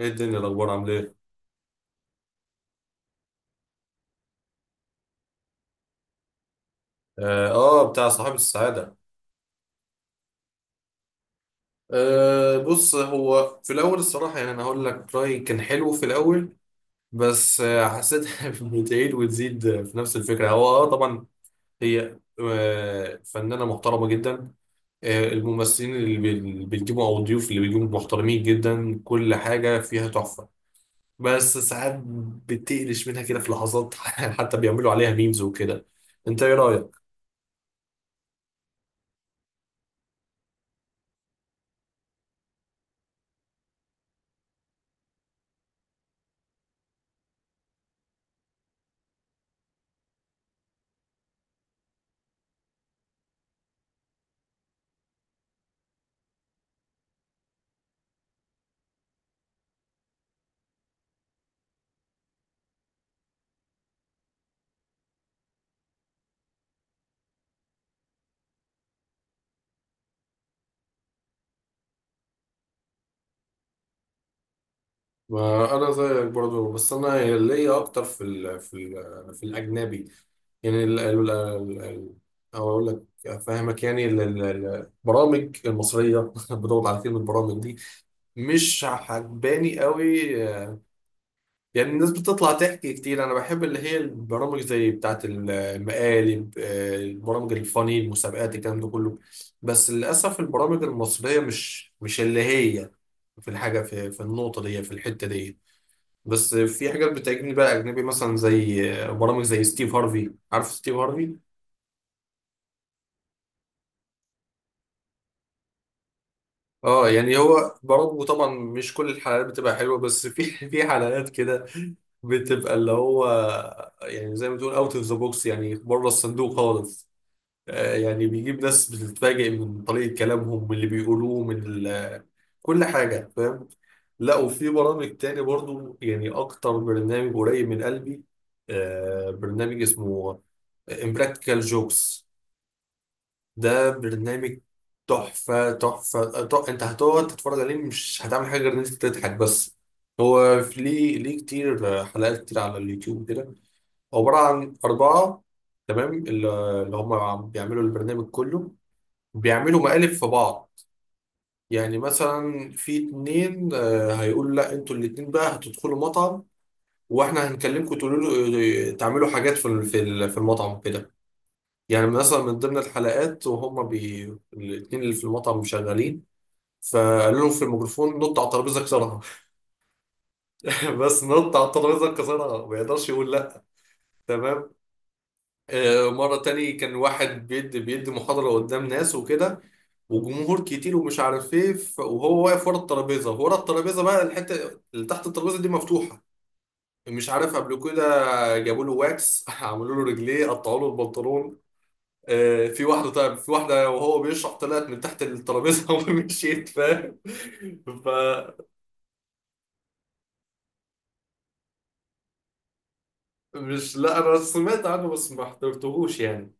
ايه الدنيا، الاخبار، عامل ايه؟ اه، بتاع صاحب السعاده. بص، هو في الاول الصراحه يعني انا هقول لك رايي، كان حلو في الاول. بس حسيتها بتعيد وتزيد في نفس الفكره، هو طبعا. هي فنانه محترمه جدا. الممثلين اللي بيجيبوا او الضيوف اللي بيجيبوا محترمين جدا، كل حاجه فيها تحفه. بس ساعات بتقلش منها كده في لحظات حتى بيعملوا عليها ميمز وكده. انت ايه رايك؟ ما انا زيك برضو، بس انا ليا اكتر في الاجنبي. يعني ال- او اقول لك افهمك يعني البرامج المصريه. بدور على كلمه البرامج دي، مش عجباني قوي. يعني الناس بتطلع تحكي كتير، انا بحب اللي هي البرامج زي بتاعه المقالب، البرامج الفاني، المسابقات، الكلام ده كله. بس للاسف البرامج المصريه مش اللي هي، في الحاجه، في النقطه دي، في الحته دي. بس في حاجات بتعجبني بقى أجنبي، مثلا زي برامج زي ستيف هارفي. عارف ستيف هارفي؟ اه، يعني هو برضه طبعا مش كل الحلقات بتبقى حلوة، بس في في حلقات كده بتبقى اللي هو، يعني زي ما تقول اوت اوف ذا بوكس، يعني بره الصندوق خالص. يعني بيجيب ناس بتتفاجئ من طريقة كلامهم، من اللي بيقولوه، كل حاجة، فاهم. لا، وفي برامج تاني برضو، يعني أكتر برنامج قريب من قلبي برنامج اسمه امبراكتيكال جوكس. ده برنامج تحفة تحفة، انت هتقعد تتفرج عليه، مش هتعمل حاجة غير ان انت تضحك بس. هو في ليه كتير، حلقات كتير على اليوتيوب كده. عبارة عن أربعة، تمام. اللي هم بيعملوا البرنامج كله، بيعملوا مقالب في بعض. يعني مثلا في اتنين، هيقولوا لا انتوا الاتنين بقى هتدخلوا مطعم، واحنا هنكلمكم تقولوا له تعملوا حاجات في المطعم كده. يعني من اصلا، من ضمن الحلقات، وهم بي الاتنين اللي في المطعم شغالين، فقالوا له في الميكروفون: نط على الترابيزه، كسرها. بس نط على الترابيزه كسرها، ما يقدرش يقول لا. تمام. مره تاني كان واحد بيدي محاضره قدام ناس وكده، وجمهور كتير ومش عارف ايه، وهو واقف ورا الترابيزه بقى، الحته اللي تحت الترابيزه دي مفتوحه، مش عارف قبل كده. جابوا له واكس عملوا له رجليه، قطعوا له البنطلون. في واحدة، طيب في واحدة وهو بيشرح طلعت من تحت الترابيزة ومشيت، فاهم. فمش، لا أنا سمعت عنه بس ما احترتهوش يعني.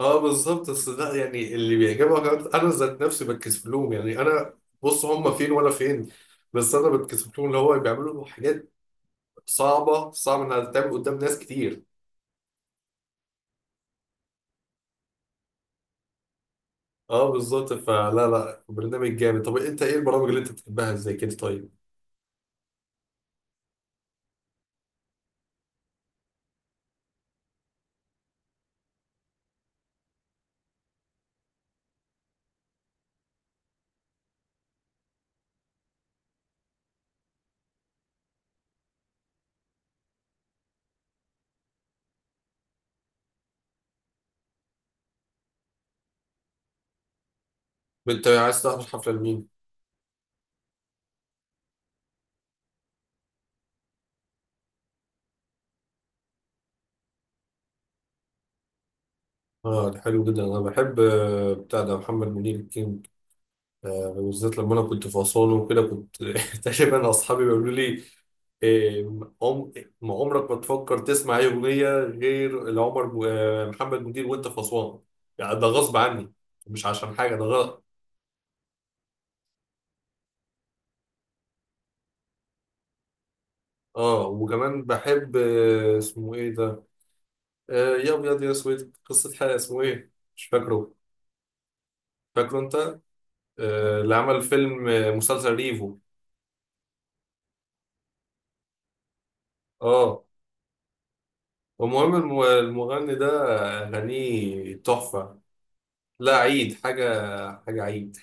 اه بالظبط، بس لا يعني اللي بيعجبها كمان أنا ذات نفسي بتكسف لهم، يعني أنا، بص هم فين وأنا فين. بس أنا بتكسف لهم اللي هو بيعملوا حاجات صعبة، صعب إنها تتعمل قدام ناس كتير. اه بالظبط، فلا لا، برنامج جامد. طب أنت إيه البرامج اللي أنت بتحبها زي كده طيب؟ أنت عايز تحضر حفلة لمين؟ اه ده حلو جدا، انا بحب بتاع ده محمد منير الكينج. بالذات لما انا كنت في اسوان وكده، كنت تقريبا اصحابي بيقولوا لي: إيه، عم- ما عمرك ما تفكر تسمع اي اغنيه غير لعمر محمد منير وانت في اسوان. يعني ده غصب عني، مش عشان حاجه، ده غلط. اه وكمان بحب اسمه ايه ده، يا ابيض يا اسود، قصه حياه، اسمه ايه مش فاكره. فاكره انت، اللي عمل فيلم، مسلسل ريفو. اه، المهم المغني ده أغانيه تحفة. لا، عيد حاجة، حاجة عيد.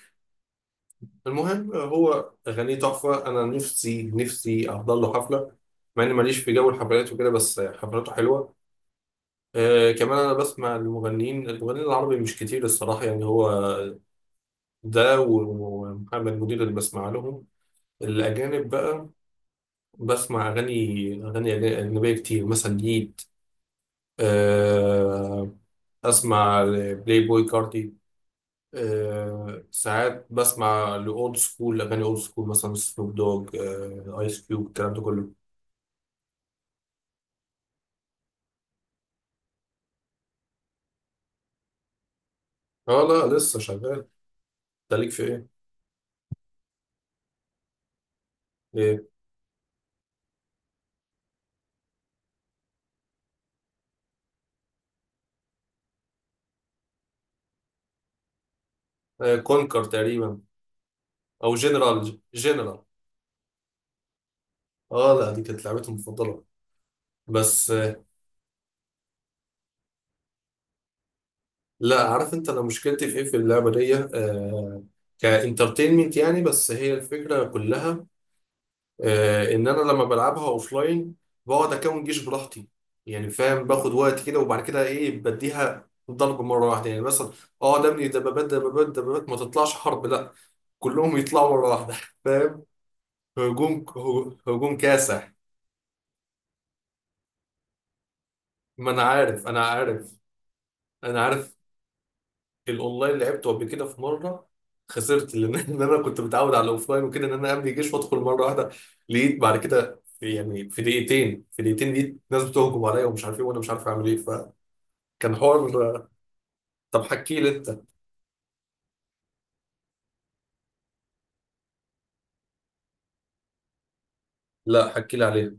المهم هو أغانيه تحفة، أنا نفسي نفسي أحضر له حفلة، مع إني ماليش في جو الحفلات وكده، بس حفلاته حلوة. كمان أنا بسمع المغنيين العربي مش كتير الصراحة، يعني هو ده ومحمد منير اللي بسمع لهم. الأجانب بقى، بسمع أغاني أجنبية كتير، مثلا ليد، آه أسمع بلاي بوي كارتي. ساعات بسمع لأولد سكول، أغاني أولد سكول، مثلا سنوب دوج، آيس كيوب، الكلام ده كله. اه لا، لسه شغال. ده ليك في ايه؟ ايه؟ كونكر تقريبا. أو جنرال جنرال. اه لا، دي كانت لعبتي المفضلة. بس لا، عارف انت انا مشكلتي في ايه في اللعبة دي؟ كانترتينمنت يعني، بس هي الفكرة كلها. ان انا لما بلعبها اوفلاين بقعد اكون جيش براحتي، يعني فاهم، باخد وقت كده وبعد كده ايه، بديها ضرب مره واحده، يعني مثلا اقعد ابني دبابات دبابات دبابات، ما تطلعش حرب لا، كلهم يطلعوا مره واحده فاهم. هجوم، هجوم كاسح. ما انا عارف، انا عارف، انا عارف. الاونلاين لعبته قبل كده في مره، خسرت لان إن انا كنت متعود على الاوفلاين وكده، ان انا املي جيش وادخل مره واحده، لقيت بعد كده في، يعني في دقيقتين لقيت ناس بتهجم عليا ومش عارف ايه، وانا مش عارف اعمل ايه، فكان حوار. طب حكي لي انت. لا، حكي لي عليه.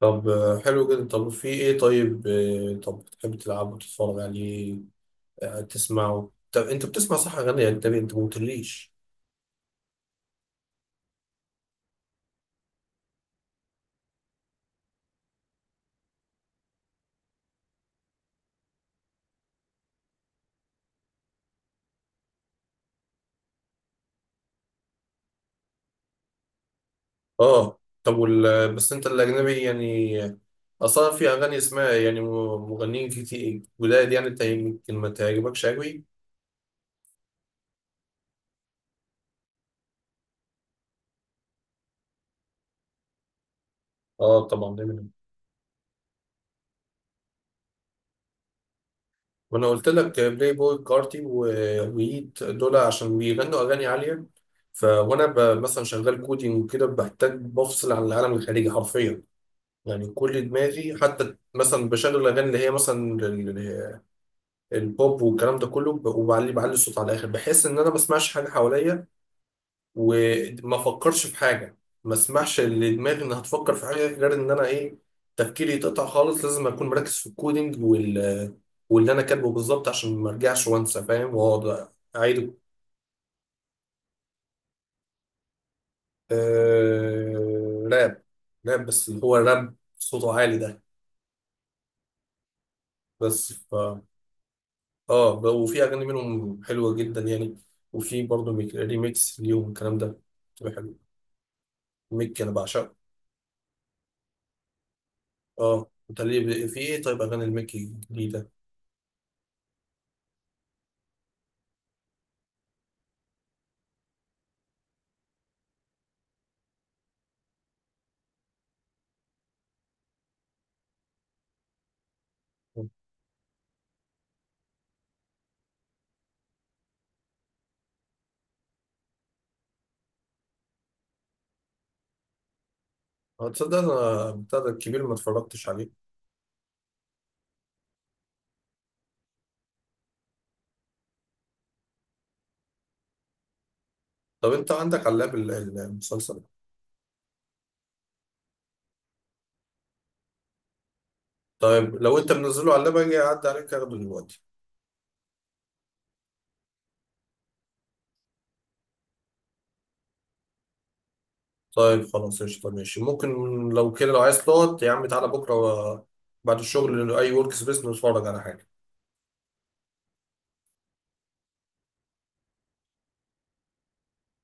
طب حلو جدا. طب في ايه طيب، طب بتحب تلعب وتتفرج عليه، تسمعه. طب انت بتسمع صح اغاني اجنبي، انت ما قلتليش. اه طب بس انت الاجنبي يعني، اصلا في اغاني اسمها يعني مغنيين كتير جداد، يعني انت يمكن ما تعجبكش قوي. اه طبعا دايما. وانا قلت لك بلاي بوي كارتي ويت دول، عشان بيغنوا اغاني عاليه. وانا مثلا شغال كودينج وكده، بحتاج بفصل عن العالم الخارجي حرفيا. يعني كل دماغي حتى مثلا بشغل الاغاني اللي هي مثلا البوب والكلام ده كله، وبعلي الصوت على الاخر، بحس ان انا ما بسمعش حاجه حواليا وما افكرش في حاجه، ما اسمحش لدماغي انها تفكر في حاجه غير ان انا ايه، تفكيري يتقطع خالص، لازم اكون مركز في الكودينج واللي انا كاتبه بالظبط، عشان ما ارجعش وانسى فاهم، واقعد اعيد. راب، راب، بس اللي هو راب صوته عالي ده. بس اه وفي اغاني منهم حلوه جدا يعني، وفي برضه ريميكس ليهم الكلام ده، بتبقى حلو. ميك انا بعشقه. اه انت ليه في ايه طيب اغاني المكي الجديده؟ اه تصدق، انا بتاع ده الكبير ما اتفرجتش عليه. طب انت عندك علاب المسلسل؟ طيب لو انت منزله على اللاب اجي اعدي عليك اخده دلوقتي. طيب خلاص، قشطة، ماشي، ممكن. لو كده، لو عايز تقعد يا عم تعالى بكرة، بعد الشغل أي ورك سبيس نتفرج على حاجة.